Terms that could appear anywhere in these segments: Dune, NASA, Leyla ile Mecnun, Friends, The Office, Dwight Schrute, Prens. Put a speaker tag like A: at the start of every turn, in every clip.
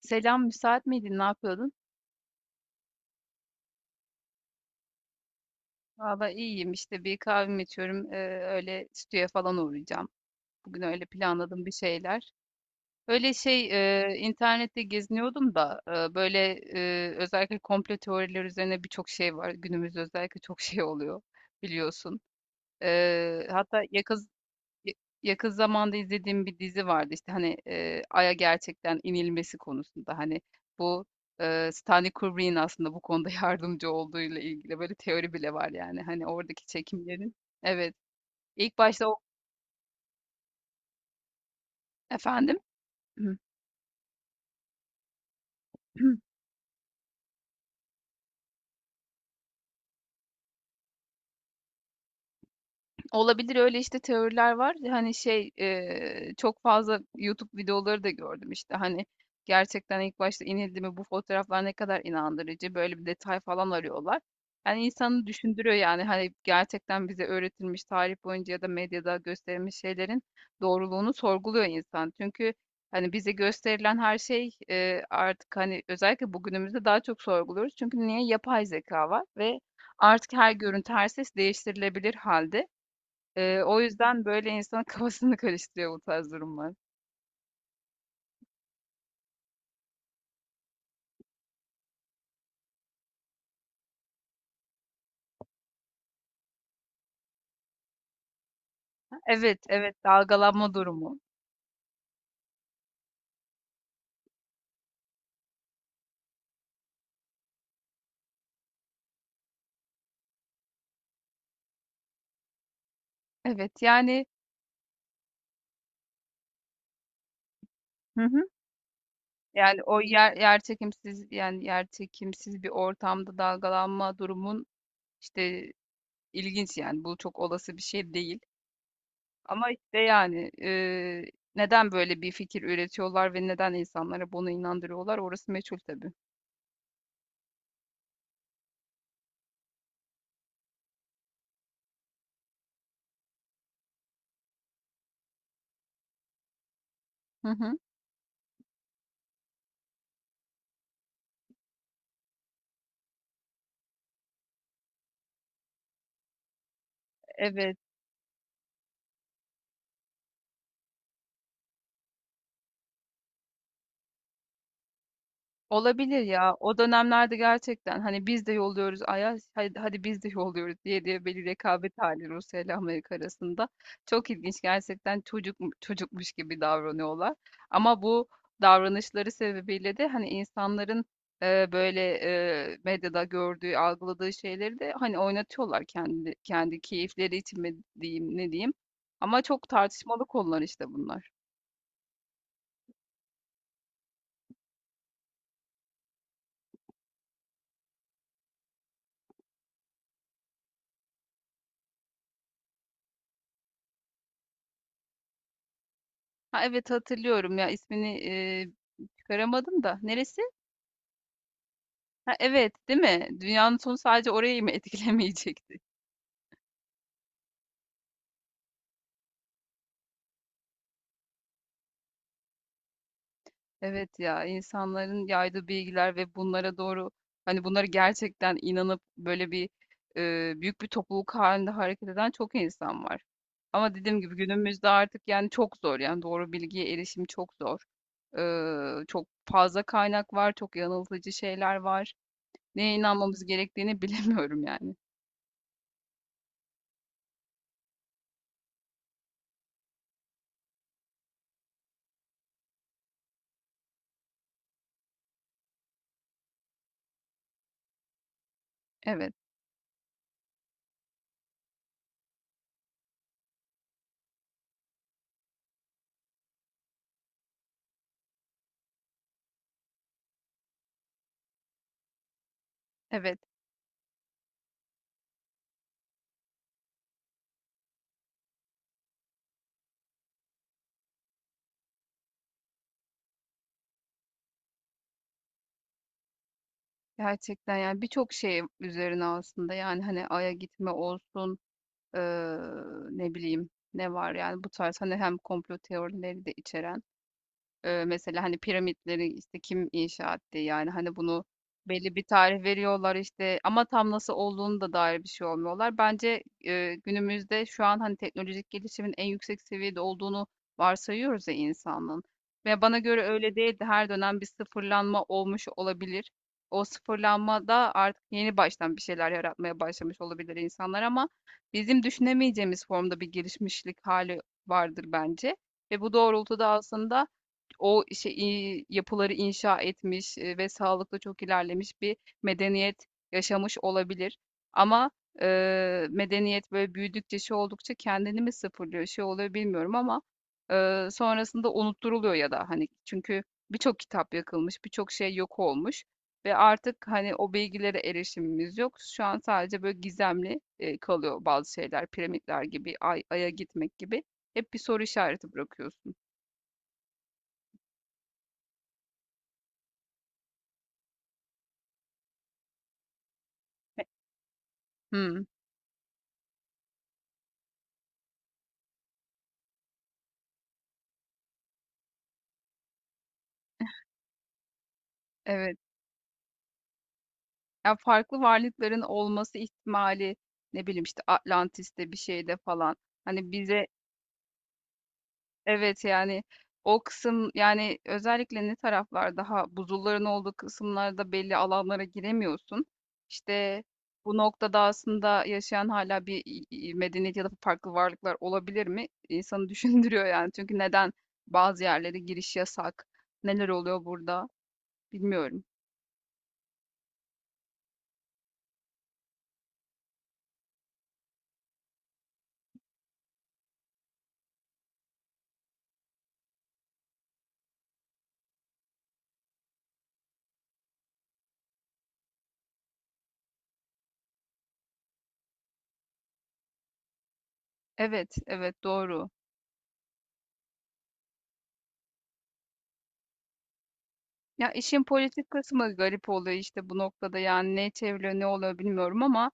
A: Selam, müsait miydin? Ne yapıyordun? Valla iyiyim işte, bir kahvemi içiyorum. Öyle stüdyoya falan uğrayacağım. Bugün öyle planladım bir şeyler. Öyle şey, internette geziniyordum da, e, böyle özellikle komplo teorileri üzerine birçok şey var. Günümüzde özellikle çok şey oluyor, biliyorsun. Hatta Ya yakın zamanda izlediğim bir dizi vardı, işte, hani, Ay'a gerçekten inilmesi konusunda, hani, bu, Stanley Kubrick'in aslında bu konuda yardımcı olduğuyla ilgili böyle teori bile var, yani, hani, oradaki çekimlerin. Evet, ilk başta o. Efendim? Olabilir, öyle, işte, teoriler var. Hani, şey, çok fazla YouTube videoları da gördüm, işte, hani, gerçekten ilk başta inildi mi, bu fotoğraflar ne kadar inandırıcı, böyle bir detay falan arıyorlar. Yani, insanı düşündürüyor, yani, hani, gerçekten bize öğretilmiş tarih boyunca ya da medyada gösterilmiş şeylerin doğruluğunu sorguluyor insan. Çünkü, hani, bize gösterilen her şey, artık, hani, özellikle bugünümüzde daha çok sorguluyoruz. Çünkü niye? Yapay zeka var ve artık her görüntü, her ses değiştirilebilir halde. O yüzden böyle insanın kafasını karıştırıyor bu tarz durumlar. Evet, evet, dalgalanma durumu. Evet, yani. Hı hı. Yani o yerçekimsiz, yani yerçekimsiz bir ortamda dalgalanma durumun işte ilginç, yani bu çok olası bir şey değil. Ama işte, yani neden böyle bir fikir üretiyorlar ve neden insanlara bunu inandırıyorlar, orası meçhul tabii. Hı hı. Evet. Olabilir ya. O dönemlerde gerçekten hani biz de yolluyoruz Ayaz, hadi, hadi biz de yolluyoruz diye diye, bir rekabet hali Rusya ile Amerika arasında. Çok ilginç gerçekten, çocukmuş gibi davranıyorlar. Ama bu davranışları sebebiyle de hani insanların, e, böyle medyada gördüğü, algıladığı şeyleri de hani oynatıyorlar, kendi keyifleri için mi diyeyim, ne diyeyim. Ama çok tartışmalı konular işte bunlar. Ha evet, hatırlıyorum ya, ismini çıkaramadım da. Neresi? Ha, evet, değil mi? Dünyanın sonu sadece orayı mı etkilemeyecekti? Evet ya, insanların yaydığı bilgiler ve bunlara doğru, hani bunlara gerçekten inanıp böyle bir, büyük bir topluluk halinde hareket eden çok insan var. Ama dediğim gibi günümüzde artık, yani çok zor, yani doğru bilgiye erişim çok zor. Çok fazla kaynak var, çok yanıltıcı şeyler var. Neye inanmamız gerektiğini bilemiyorum yani. Evet, evet. Gerçekten yani birçok şey üzerine aslında, yani hani Ay'a gitme olsun, eee, ne bileyim ne var yani, bu tarz hani hem komplo teorileri de içeren. Mesela, hani, piramitleri, işte, kim inşa etti? Yani, hani, bunu belli bir tarih veriyorlar, işte, ama tam nasıl olduğunu da dair bir şey olmuyorlar. Bence, günümüzde şu an, hani, teknolojik gelişimin en yüksek seviyede olduğunu varsayıyoruz ya insanlığın, ve bana göre öyle değildi. Her dönem bir sıfırlanma olmuş olabilir. O sıfırlanmada artık yeni baştan bir şeyler yaratmaya başlamış olabilir insanlar, ama bizim düşünemeyeceğimiz formda bir gelişmişlik hali vardır bence, ve bu doğrultuda aslında o şey yapıları inşa etmiş, ve sağlıklı çok ilerlemiş bir medeniyet yaşamış olabilir. Ama e, medeniyet böyle büyüdükçe şey oldukça kendini mi sıfırlıyor, şey oluyor bilmiyorum, ama sonrasında unutturuluyor ya da hani, çünkü birçok kitap yakılmış, birçok şey yok olmuş, ve artık hani o bilgilere erişimimiz yok. Şu an sadece böyle gizemli kalıyor bazı şeyler, piramitler gibi, aya gitmek gibi, hep bir soru işareti bırakıyorsun. Hmm, evet. Ya, farklı varlıkların olması ihtimali, ne bileyim, işte, Atlantis'te bir şeyde falan, hani, bize. Evet, yani, o kısım, yani, özellikle ne taraflar daha buzulların olduğu kısımlarda belli alanlara giremiyorsun. İşte, bu noktada aslında yaşayan hala bir, medeniyet ya da farklı varlıklar olabilir mi? İnsanı düşündürüyor, yani. Çünkü neden bazı yerlere giriş yasak? Neler oluyor burada? Bilmiyorum. Evet, evet, doğru. Ya, işin politik kısmı garip oluyor, işte, bu noktada, yani, ne çevriliyor, ne oluyor bilmiyorum, ama,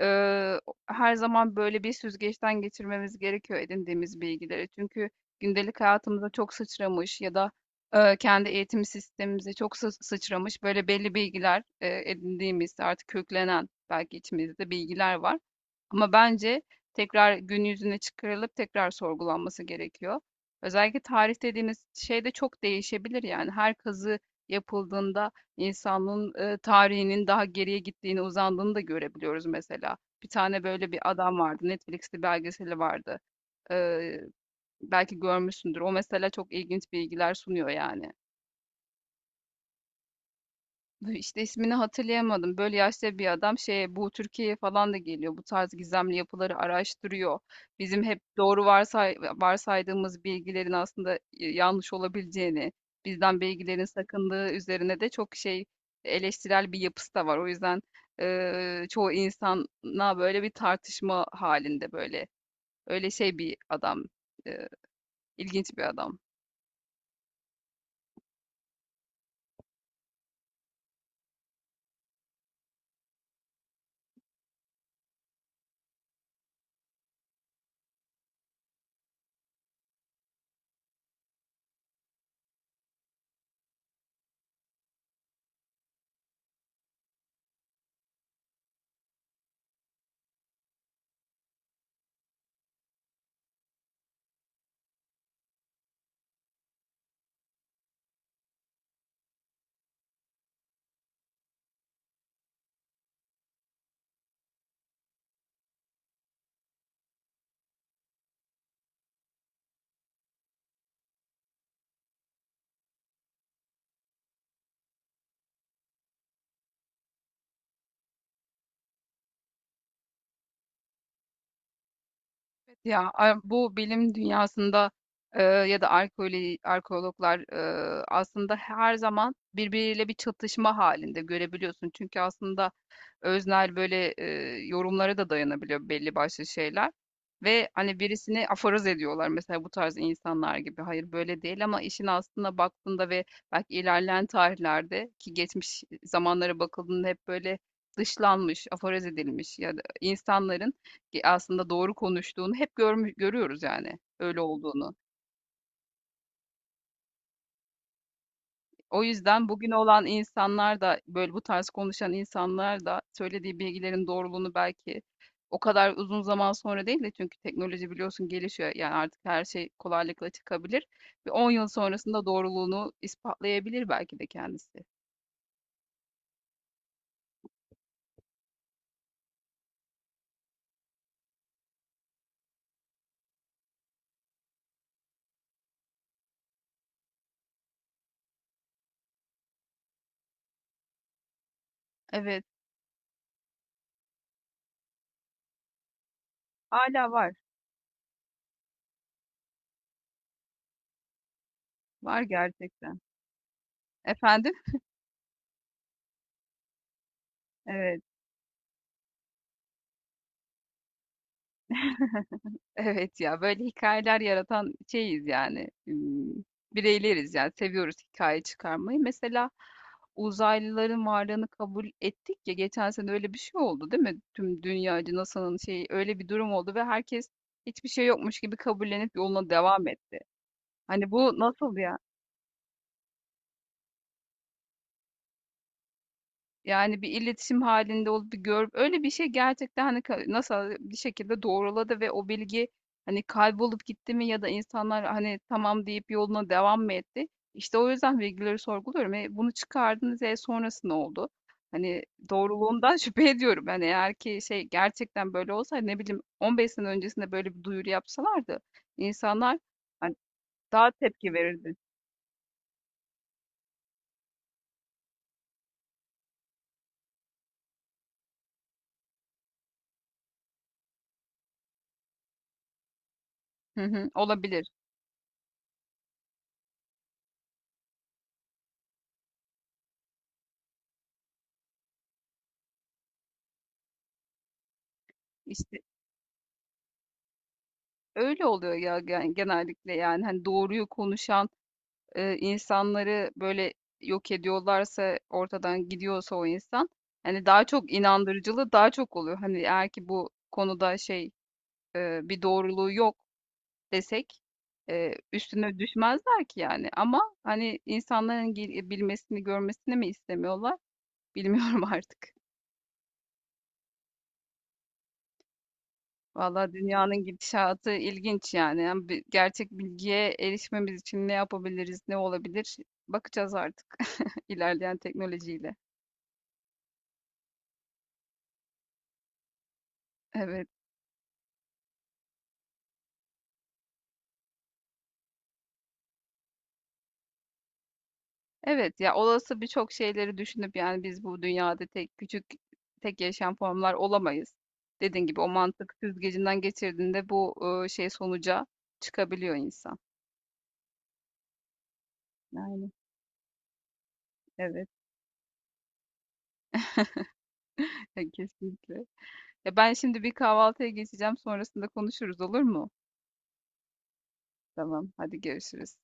A: eee, her zaman böyle bir süzgeçten geçirmemiz gerekiyor edindiğimiz bilgileri. Çünkü gündelik hayatımıza çok sıçramış ya da, kendi eğitim sistemimize çok sıçramış, böyle, belli bilgiler, edindiğimiz, artık köklenen belki içimizde bilgiler var. Ama bence tekrar gün yüzüne çıkarılıp tekrar sorgulanması gerekiyor. Özellikle tarih dediğimiz şey de çok değişebilir yani. Her kazı yapıldığında insanlığın tarihinin daha geriye gittiğini, uzandığını da görebiliyoruz mesela. Bir tane böyle bir adam vardı. Netflix'te belgeseli vardı. Ee, belki görmüşsündür. O mesela çok ilginç bilgiler sunuyor yani. İşte ismini hatırlayamadım. Böyle yaşta bir adam şeye, bu Türkiye'ye falan da geliyor. Bu tarz gizemli yapıları araştırıyor. Bizim hep doğru varsaydığımız bilgilerin aslında yanlış olabileceğini, bizden bilgilerin sakındığı üzerine de çok şey, eleştirel bir yapısı da var. O yüzden çoğu insana böyle bir tartışma halinde böyle, öyle şey bir adam. İlginç bir adam. Evet. Ya bu bilim dünyasında ya da arkeoloji, arkeologlar, aslında her zaman birbiriyle bir çatışma halinde görebiliyorsun. Çünkü aslında öznel, böyle, yorumlara da dayanabiliyor belli başlı şeyler, ve, hani, birisini aforoz ediyorlar mesela bu tarz insanlar gibi. Hayır, böyle değil, ama işin aslında baktığında, ve belki ilerleyen tarihlerde ki geçmiş zamanlara bakıldığında hep böyle dışlanmış, aforoz edilmiş ya da insanların aslında doğru konuştuğunu hep görmüş görüyoruz, yani öyle olduğunu. O yüzden bugün olan insanlar da böyle, bu tarz konuşan insanlar da söylediği bilgilerin doğruluğunu belki o kadar uzun zaman sonra değil de, çünkü teknoloji biliyorsun gelişiyor. Yani artık her şey kolaylıkla çıkabilir. Bir 10 yıl sonrasında doğruluğunu ispatlayabilir belki de kendisi. Evet, hala var. Var gerçekten. Efendim? Evet. Evet ya, böyle hikayeler yaratan şeyiz yani, bireyleriz yani, seviyoruz hikaye çıkarmayı. Mesela uzaylıların varlığını kabul ettik ya, geçen sene öyle bir şey oldu değil mi? Tüm dünyacı NASA'nın şeyi, öyle bir durum oldu ve herkes hiçbir şey yokmuş gibi kabullenip yoluna devam etti. Hani bu nasıl ya? Yani, bir iletişim halinde olup bir görüp öyle bir şey gerçekten, hani, ka NASA bir şekilde doğruladı ve o bilgi, hani, kaybolup gitti mi, ya da insanlar, hani, tamam deyip yoluna devam mı etti? İşte, o yüzden bilgileri sorguluyorum. E, bunu çıkardınız, e, sonrası ne oldu? Hani, doğruluğundan şüphe ediyorum. Hani, eğer ki şey gerçekten böyle olsa, hani, ne bileyim, 15 sene öncesinde böyle bir duyuru yapsalardı insanlar, hani, daha tepki verirdi. Hı hı, olabilir. İşte. Öyle oluyor ya genellikle, yani hani doğruyu konuşan insanları böyle yok ediyorlarsa, ortadan gidiyorsa o insan, hani daha çok inandırıcılığı daha çok oluyor. Hani eğer ki bu konuda şey, bir doğruluğu yok desek, üstüne düşmezler ki yani, ama hani insanların bilmesini, görmesini mi istemiyorlar bilmiyorum artık. Valla dünyanın gidişatı ilginç yani. Yani gerçek bilgiye erişmemiz için ne yapabiliriz, ne olabilir? Bakacağız artık ilerleyen teknolojiyle. Evet. Evet ya, olası birçok şeyleri düşünüp, yani biz bu dünyada tek küçük, tek yaşayan formlar olamayız. Dediğin gibi o mantık süzgecinden geçirdiğinde bu, şey sonuca çıkabiliyor insan. Yani evet, kesinlikle. Ya ben şimdi bir kahvaltıya geçeceğim, sonrasında konuşuruz olur mu? Tamam hadi, görüşürüz.